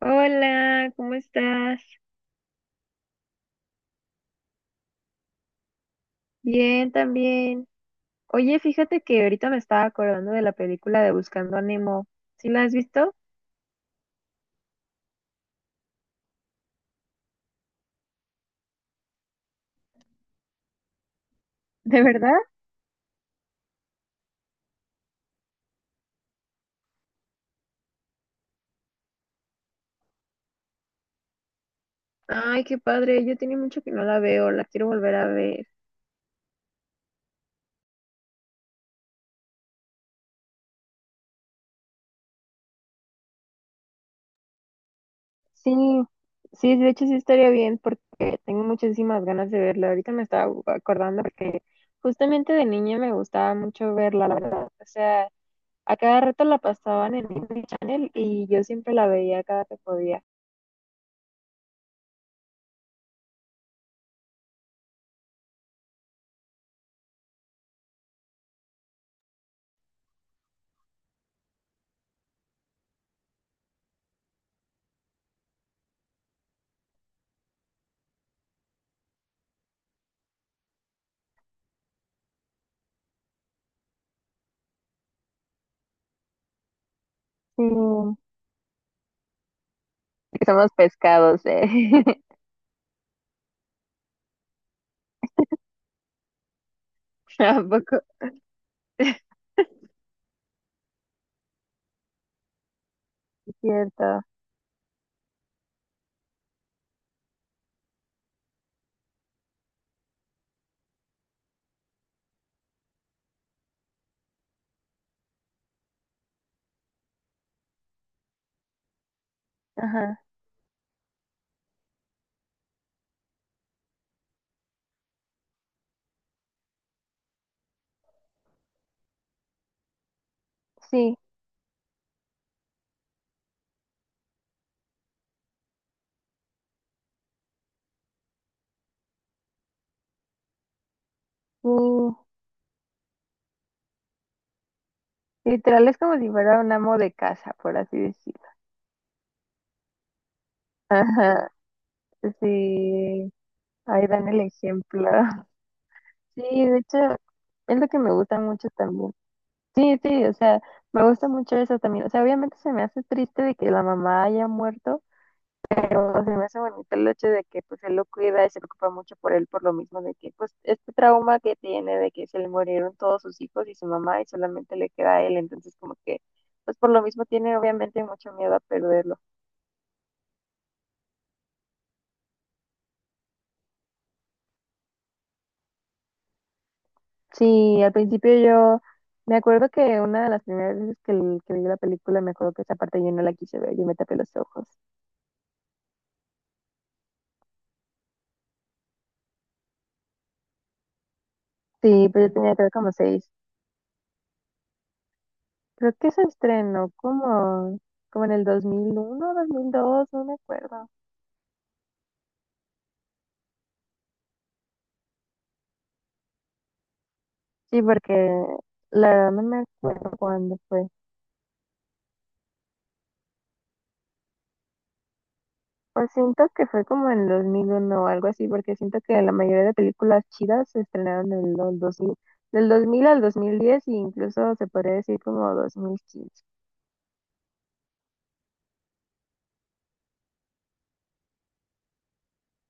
Hola, ¿cómo estás? Bien, también. Oye, fíjate que ahorita me estaba acordando de la película de Buscando a Nemo. ¿Sí la has visto? ¿De verdad? Ay, qué padre. Yo tenía mucho que no la veo, la quiero volver a ver. Sí, sí, de hecho sí estaría bien porque tengo muchísimas ganas de verla. Ahorita me estaba acordando porque justamente de niña me gustaba mucho verla, la verdad. O sea, a cada rato la pasaban en Disney Channel y yo siempre la veía cada que podía. Sí. ¿Que somos pescados, eh? Tampoco. Cierto. Ajá. Sí. Sí. Literal es como si fuera un amo de casa, por así decirlo. Ajá. Sí. Ahí dan el ejemplo. Sí, de hecho, es lo que me gusta mucho también. Sí, sí, o sea, me gusta mucho eso también. O sea, obviamente se me hace triste de que la mamá haya muerto, pero se me hace bonito el hecho de que pues él lo cuida y se preocupa mucho por él por lo mismo de que pues este trauma que tiene de que se le murieron todos sus hijos y su mamá y solamente le queda a él, entonces como que pues por lo mismo tiene obviamente mucho miedo a perderlo. Sí, al principio yo me acuerdo que una de las primeras veces que, que vi la película me acuerdo que esa parte yo no la quise ver, yo me tapé los ojos. Sí, pero yo tenía creo como seis. Creo que se estrenó como en el 2001, 2002, no me acuerdo. Sí, porque la verdad no me acuerdo cuándo fue. Pues siento que fue como en 2001 o algo así, porque siento que la mayoría de películas chidas se estrenaron en los 2000 del 2000 al 2010 e incluso se podría decir como dos mil quince.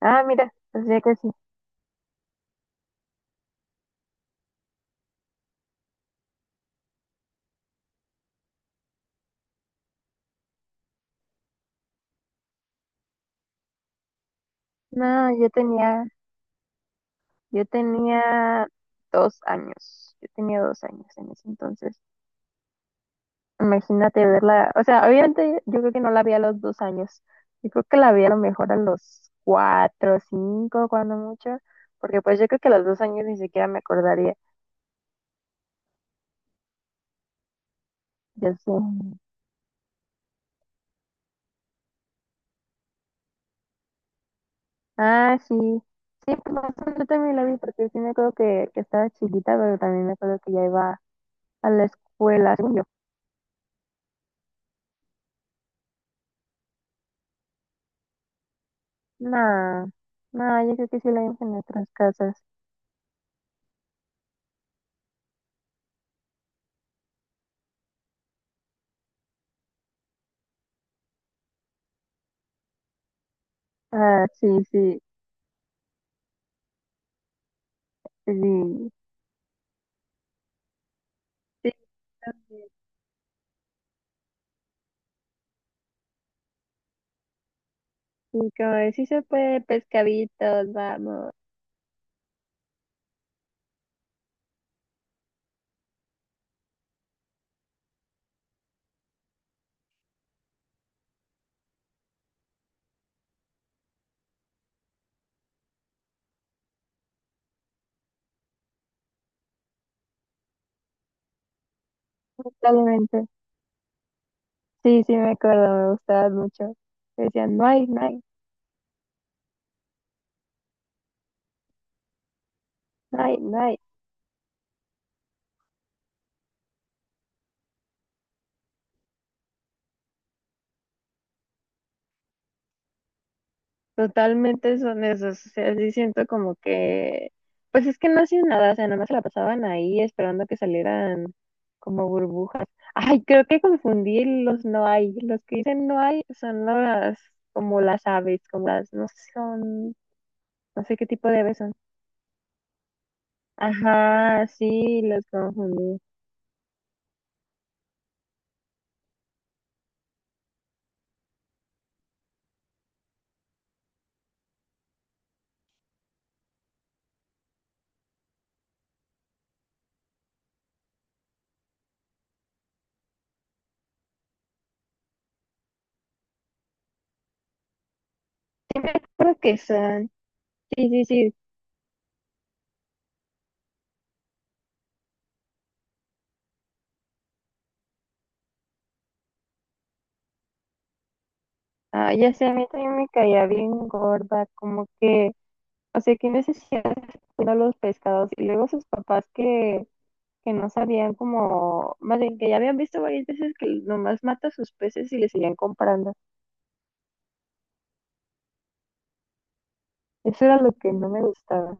Ah, mira, o sea que sí. No, yo tenía dos años, yo tenía dos años en ese entonces. Imagínate verla, o sea, obviamente yo creo que no la vi a los dos años, yo creo que la vi a lo mejor a los cuatro, cinco, cuando mucho, porque pues yo creo que a los dos años ni siquiera me acordaría, yo sí. Ah, sí, sí, pues no, yo también la vi porque sí me acuerdo que estaba chiquita, pero también me acuerdo que ya iba a la escuela, según yo. No, no, yo creo que sí la vimos en nuestras casas. Ah, sí, sí, sí, sí, también. Sí, como de, sí se puede, pescaditos, vamos. Totalmente. Sí, sí, me acuerdo, me gustaban mucho. Decían, no hay, no hay, no hay, no hay. Totalmente son esos. O sea, sí siento como que, pues es que no hacían nada, o sea, nada más se la pasaban ahí esperando que salieran como burbujas. Ay, creo que confundí los no hay. Los que dicen no hay son las, como las aves, como las, no sé, son, no sé qué tipo de aves son. Ajá, sí, los confundí. Sí, me acuerdo que son. Sí, sí, sí. Ah, ya sé, a mí también me caía bien gorda, como que, o sea, qué necesidad de estar cuidando los pescados. Y luego sus papás que no sabían como, más bien que ya habían visto varias veces que nomás mata sus peces y le seguían comprando. Eso era lo que no me gustaba.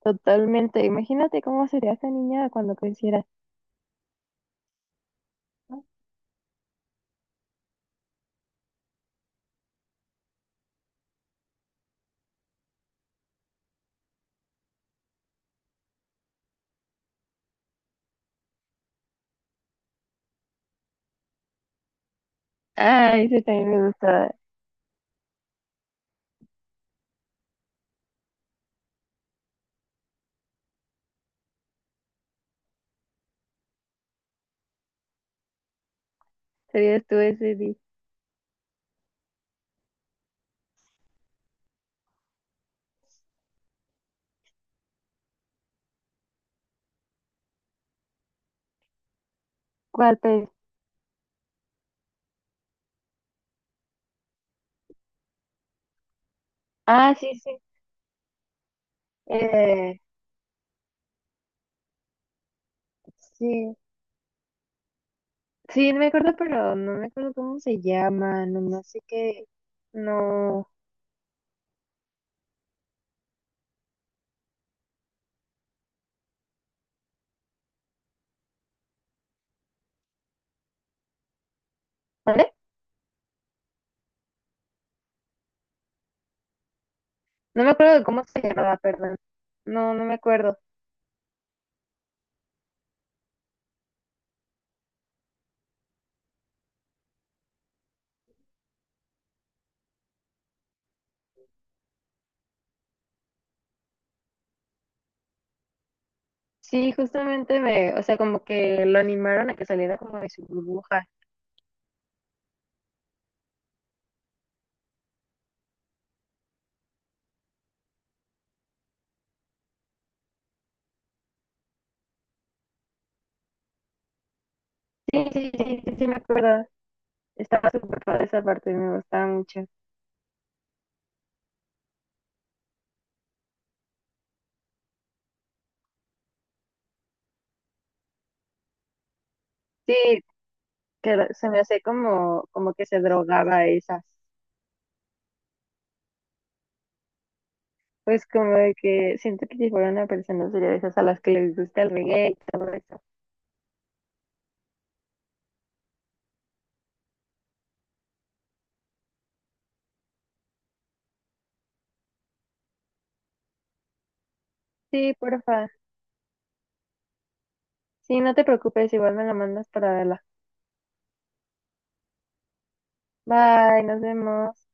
Totalmente. Imagínate cómo sería esa niña cuando creciera. Ah, ese también me gustaba. Serías tú ese día. ¿Cuál pez? Ah, sí, sí. Eh, sí. Sí, no me acuerdo, pero no me acuerdo cómo se llama, nomás sé que no. ¿Vale? No me acuerdo de cómo se llamaba, perdón. No, no me acuerdo. Sí, justamente me, o sea, como que lo animaron a que saliera como de su burbuja. Sí, sí, sí, sí, sí, me acuerdo. Estaba súper padre esa parte, me gustaba mucho. Sí, se me hace como, como que se drogaba esas. Pues como de que siento que si fuera una persona sería de esas a las que les gusta el reggae y todo eso. Sí, porfa. Sí, no te preocupes, igual me la mandas para verla. Bye, nos vemos.